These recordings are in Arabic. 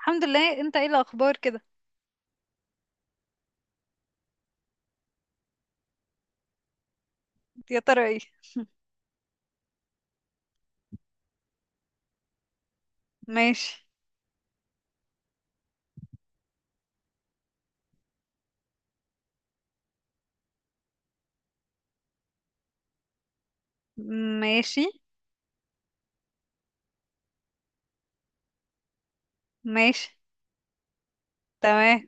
الحمد لله، انت ايه الاخبار كده؟ يا ترى ايه؟ ماشي. ماشي. ماشي. تمام.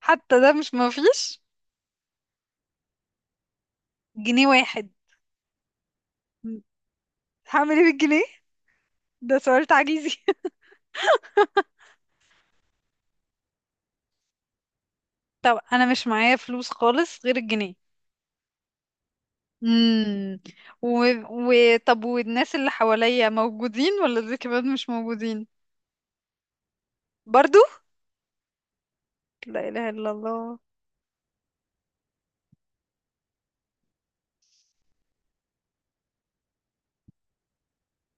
حتى ده مش مفيش. جنيه واحد. هعمل ايه بالجنيه؟ ده سؤال تعجيزي. طب انا مش معايا فلوس خالص غير الجنيه. امم و... طب والناس اللي حواليا موجودين ولا دول كمان مش موجودين؟ برضو. لا اله الا الله.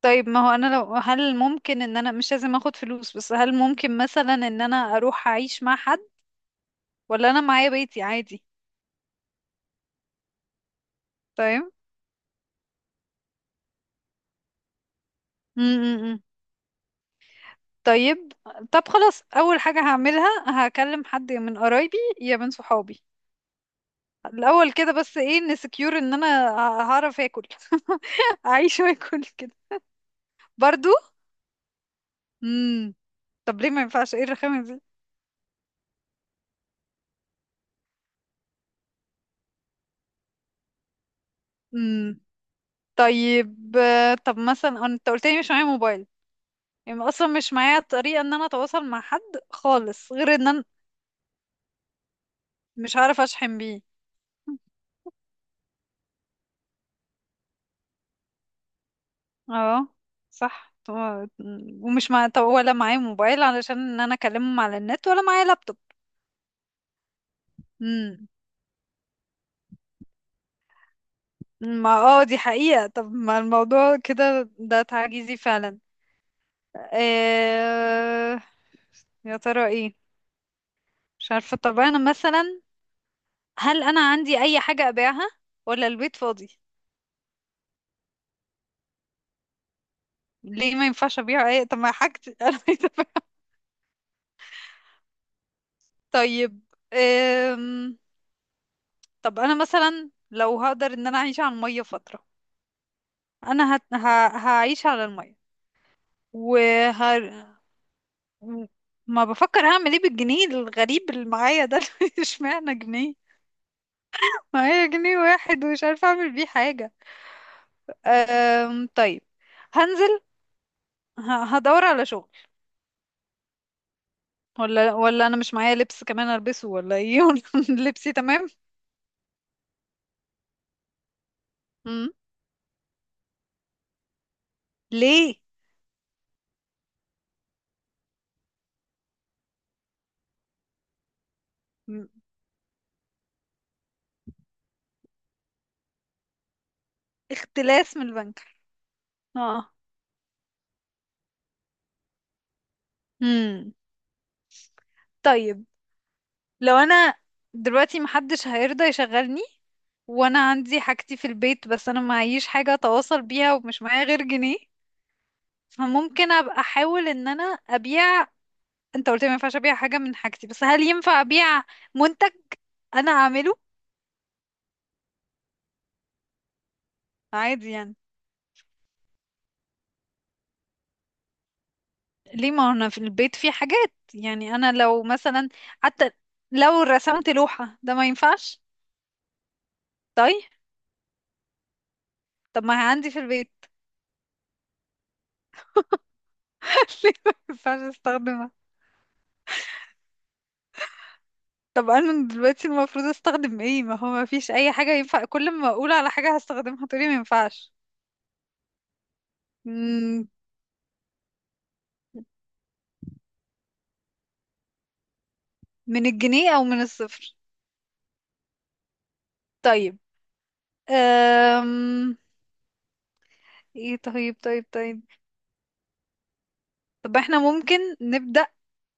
طيب، ما هو انا هل ممكن ان انا مش لازم اخد فلوس، بس هل ممكن مثلا ان انا اروح اعيش مع حد ولا انا معايا بيتي عادي؟ طيب. امم طيب. طب خلاص، اول حاجة هعملها هكلم حد من قرايبي يا من صحابي الاول كده، بس ايه نسكيور ان انا هعرف اكل. اعيش واكل كده. برضو. امم طب ليه ما ينفعش؟ ايه الرخامة دي؟ امم طيب، آه، طب مثلا انت قلت لي مش معايا موبايل، يعني اصلا مش معايا طريقة ان انا اتواصل مع حد خالص غير ان انا مش هعرف اشحن بيه. اه، صح. ومش طب ولا معايا موبايل علشان ان انا اكلمهم على النت ولا معايا لابتوب. امم ما اه، دي حقيقة. طب ما الموضوع كده ده تعجيزي فعلا. إيه... يا ترى ايه؟ مش عارفة. طب انا مثلا هل انا عندي اي حاجة ابيعها ولا البيت فاضي؟ ليه ما ينفعش ابيع اي؟ طب ما حاجتي انا عايزة أبيع. طيب. إيه... طب انا مثلا لو هقدر ان انا اعيش على المية فترة، انا هعيش على المية. وه... ما بفكر هعمل ايه بالجنيه الغريب اللي معايا ده. اشمعنى جنيه؟ معايا جنيه واحد ومش عارفة اعمل بيه حاجة. طيب، هنزل هدور على شغل. ولا انا مش معايا لبس كمان البسه ولا ايه؟ لبسي تمام. مم. ليه؟ مم. اختلاس من البنك. اه. مم. طيب، لو انا دلوقتي محدش هيرضى يشغلني وانا عندي حاجتي في البيت بس انا معيش حاجة اتواصل بيها ومش معايا غير جنيه، فممكن ابقى احاول ان انا ابيع. انت قلت لي ما ينفعش ابيع حاجة من حاجتي، بس هل ينفع ابيع منتج انا اعمله؟ عادي يعني. ليه؟ ما انا في البيت في حاجات، يعني انا لو مثلا حتى لو رسمت لوحة ده ما ينفعش؟ طيب. طب ما هي عندي في البيت. ليه ما ينفعش استخدمها؟ طب انا دلوقتي المفروض استخدم ايه؟ ما هو ما فيش اي حاجة ينفع، كل ما اقول على حاجة هستخدمها تقولي ما ينفعش. مم، من الجنيه او من الصفر. طيب. أم... ايه؟ طيب. طيب. طيب. طب احنا ممكن نبدأ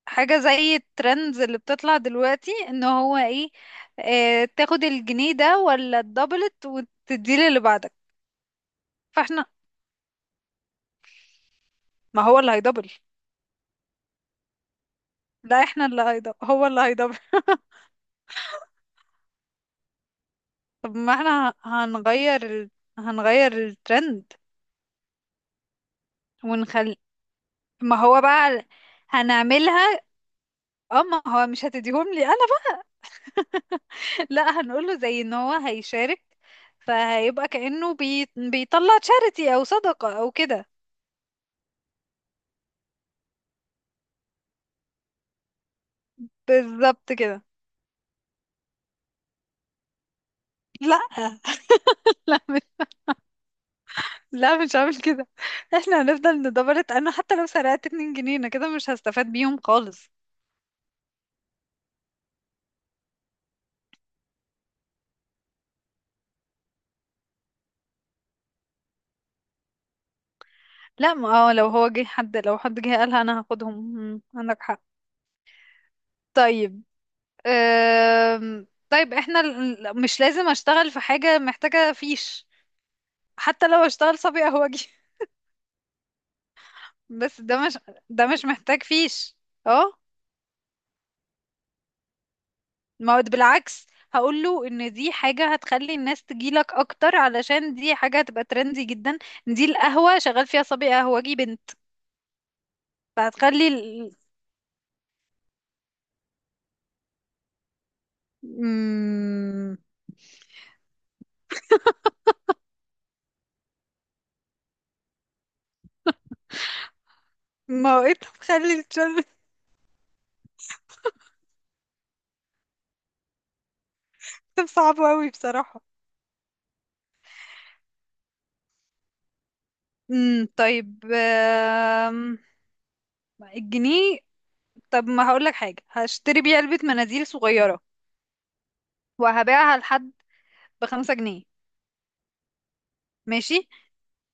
حاجة زي الترندز اللي بتطلع دلوقتي، ان هو ايه، اه، تاخد الجنيه ده ولا الدبلت وتديه للي بعدك. فاحنا ما هو اللي هيدبل. لا، احنا اللي هيدبل هو اللي هيدبل. طب ما احنا هنغير هنغير الترند ونخل. ما هو بقى هنعملها. اه، ما هو مش هتديهم لي انا بقى. لا، هنقوله زي ان هو هيشارك، فهيبقى كأنه بيطلع تشاريتي او صدقة او كده. بالظبط كده. لا. لا مش لا مش هعمل كده. احنا هنفضل ندبرت، انا حتى لو سرقت 2 جنيه انا كده مش هستفاد بيهم خالص. لا، ما اه، لو هو جه حد، لو حد جه قالها انا هاخدهم. مم، عندك حق. طيب. طيب. احنا مش لازم اشتغل في حاجة محتاجة فيش، حتى لو اشتغل صبي قهوجي. بس ده مش محتاج فيش. اه، ما هو بالعكس، هقول له ان دي حاجة هتخلي الناس تجيلك اكتر علشان دي حاجة هتبقى ترندي جدا. إن دي القهوة شغال فيها صبي قهوجي بنت. فهتخلي مم... ما هو ايه ده؟ تخلي الشغل. صعب قوي بصراحة. طيب. الجنيه. طب ما هقولك حاجة، هشتري بيه علبة مناديل صغيرة وهبيعها لحد ب5 جنيه. ماشي.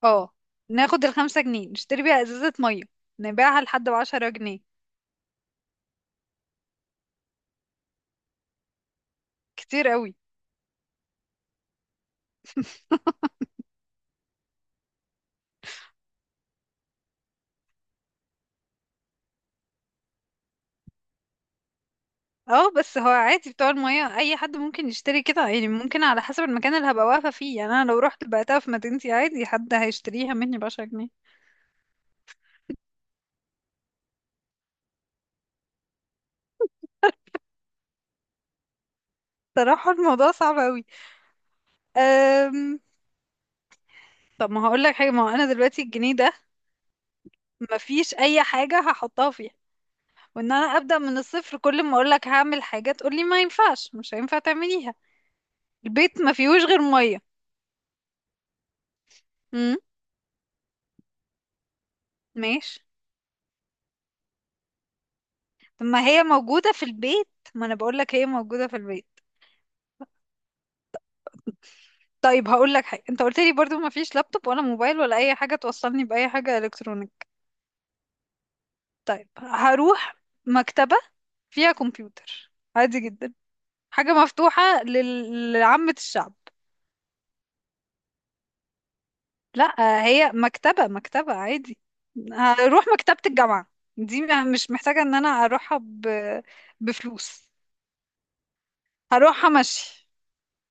اه. ناخد ال5 جنيه نشتري بيها ازازة مية نبيعها لحد ب10 جنيه. كتير قوي. اه، بس هو عادي بتوع المية اي حد ممكن يشتري كده، يعني ممكن على حسب المكان اللي هبقى واقفة فيه، يعني انا لو رحت بعتها في مدينتي عادي حد هيشتريها مني ب10 جنيه. صراحة الموضوع صعب قوي. أم... طب ما هقولك حاجة، ما هو انا دلوقتي الجنيه ده مفيش اي حاجة هحطها فيه، وان انا ابدا من الصفر كل ما اقول لك هعمل حاجه تقول لي ما ينفعش، مش هينفع تعمليها. البيت ما فيهوش غير ميه. امم ماشي. طب ما هي موجوده في البيت، ما انا بقول لك هي موجوده في البيت. طيب، هقول لك حاجه، انت قلت لي برضو ما فيش لابتوب ولا موبايل ولا اي حاجه توصلني باي حاجه الكترونيك. طيب هروح مكتبه فيها كمبيوتر عادي جدا، حاجه مفتوحه لعامه الشعب. لا، هي مكتبة، مكتبة عادي. هروح مكتبة الجامعة، دي مش محتاجة ان انا اروحها بفلوس. هروحها مشي.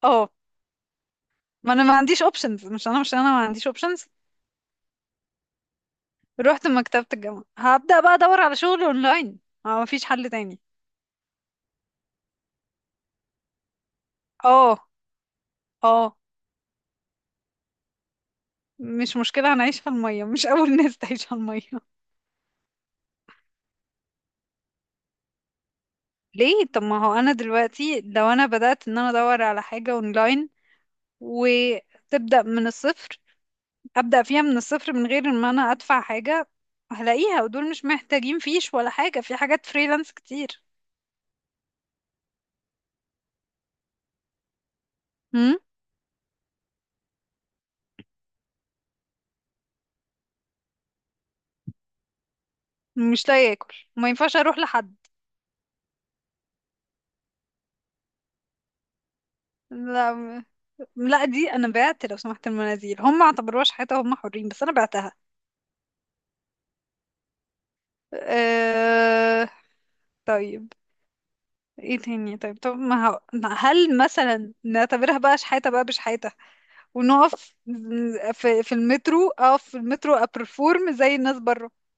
اه. ما انا ما عنديش اوبشنز، مش انا ما عنديش اوبشنز. رحت مكتبة الجامعة هبدأ بقى ادور على شغل اونلاين، ما مفيش حل تاني. اه. اه، مش مشكلة، هنعيش على المية مش أول ناس تعيش على المية. ليه؟ طب ما هو أنا دلوقتي لو أنا بدأت إن أنا أدور على حاجة أونلاين وتبدأ من الصفر، ابدا فيها من الصفر من غير ما انا ادفع حاجه، هلاقيها ودول مش محتاجين فيش ولا حاجه، في حاجات فريلانس كتير. هم؟ مش لاقي اكل ما ينفعش اروح لحد. لا. لا، دي انا بعت لو سمحت، المنازل هم ما اعتبروهاش حياتي هم حرين، بس انا بعتها. أه... طيب. ايه تاني؟ طيب. طب ما هو- هل مثلا نعتبرها بقى شحاته؟ بقى بشحاته ونقف في المترو، اقف في المترو ابرفورم زي الناس بره.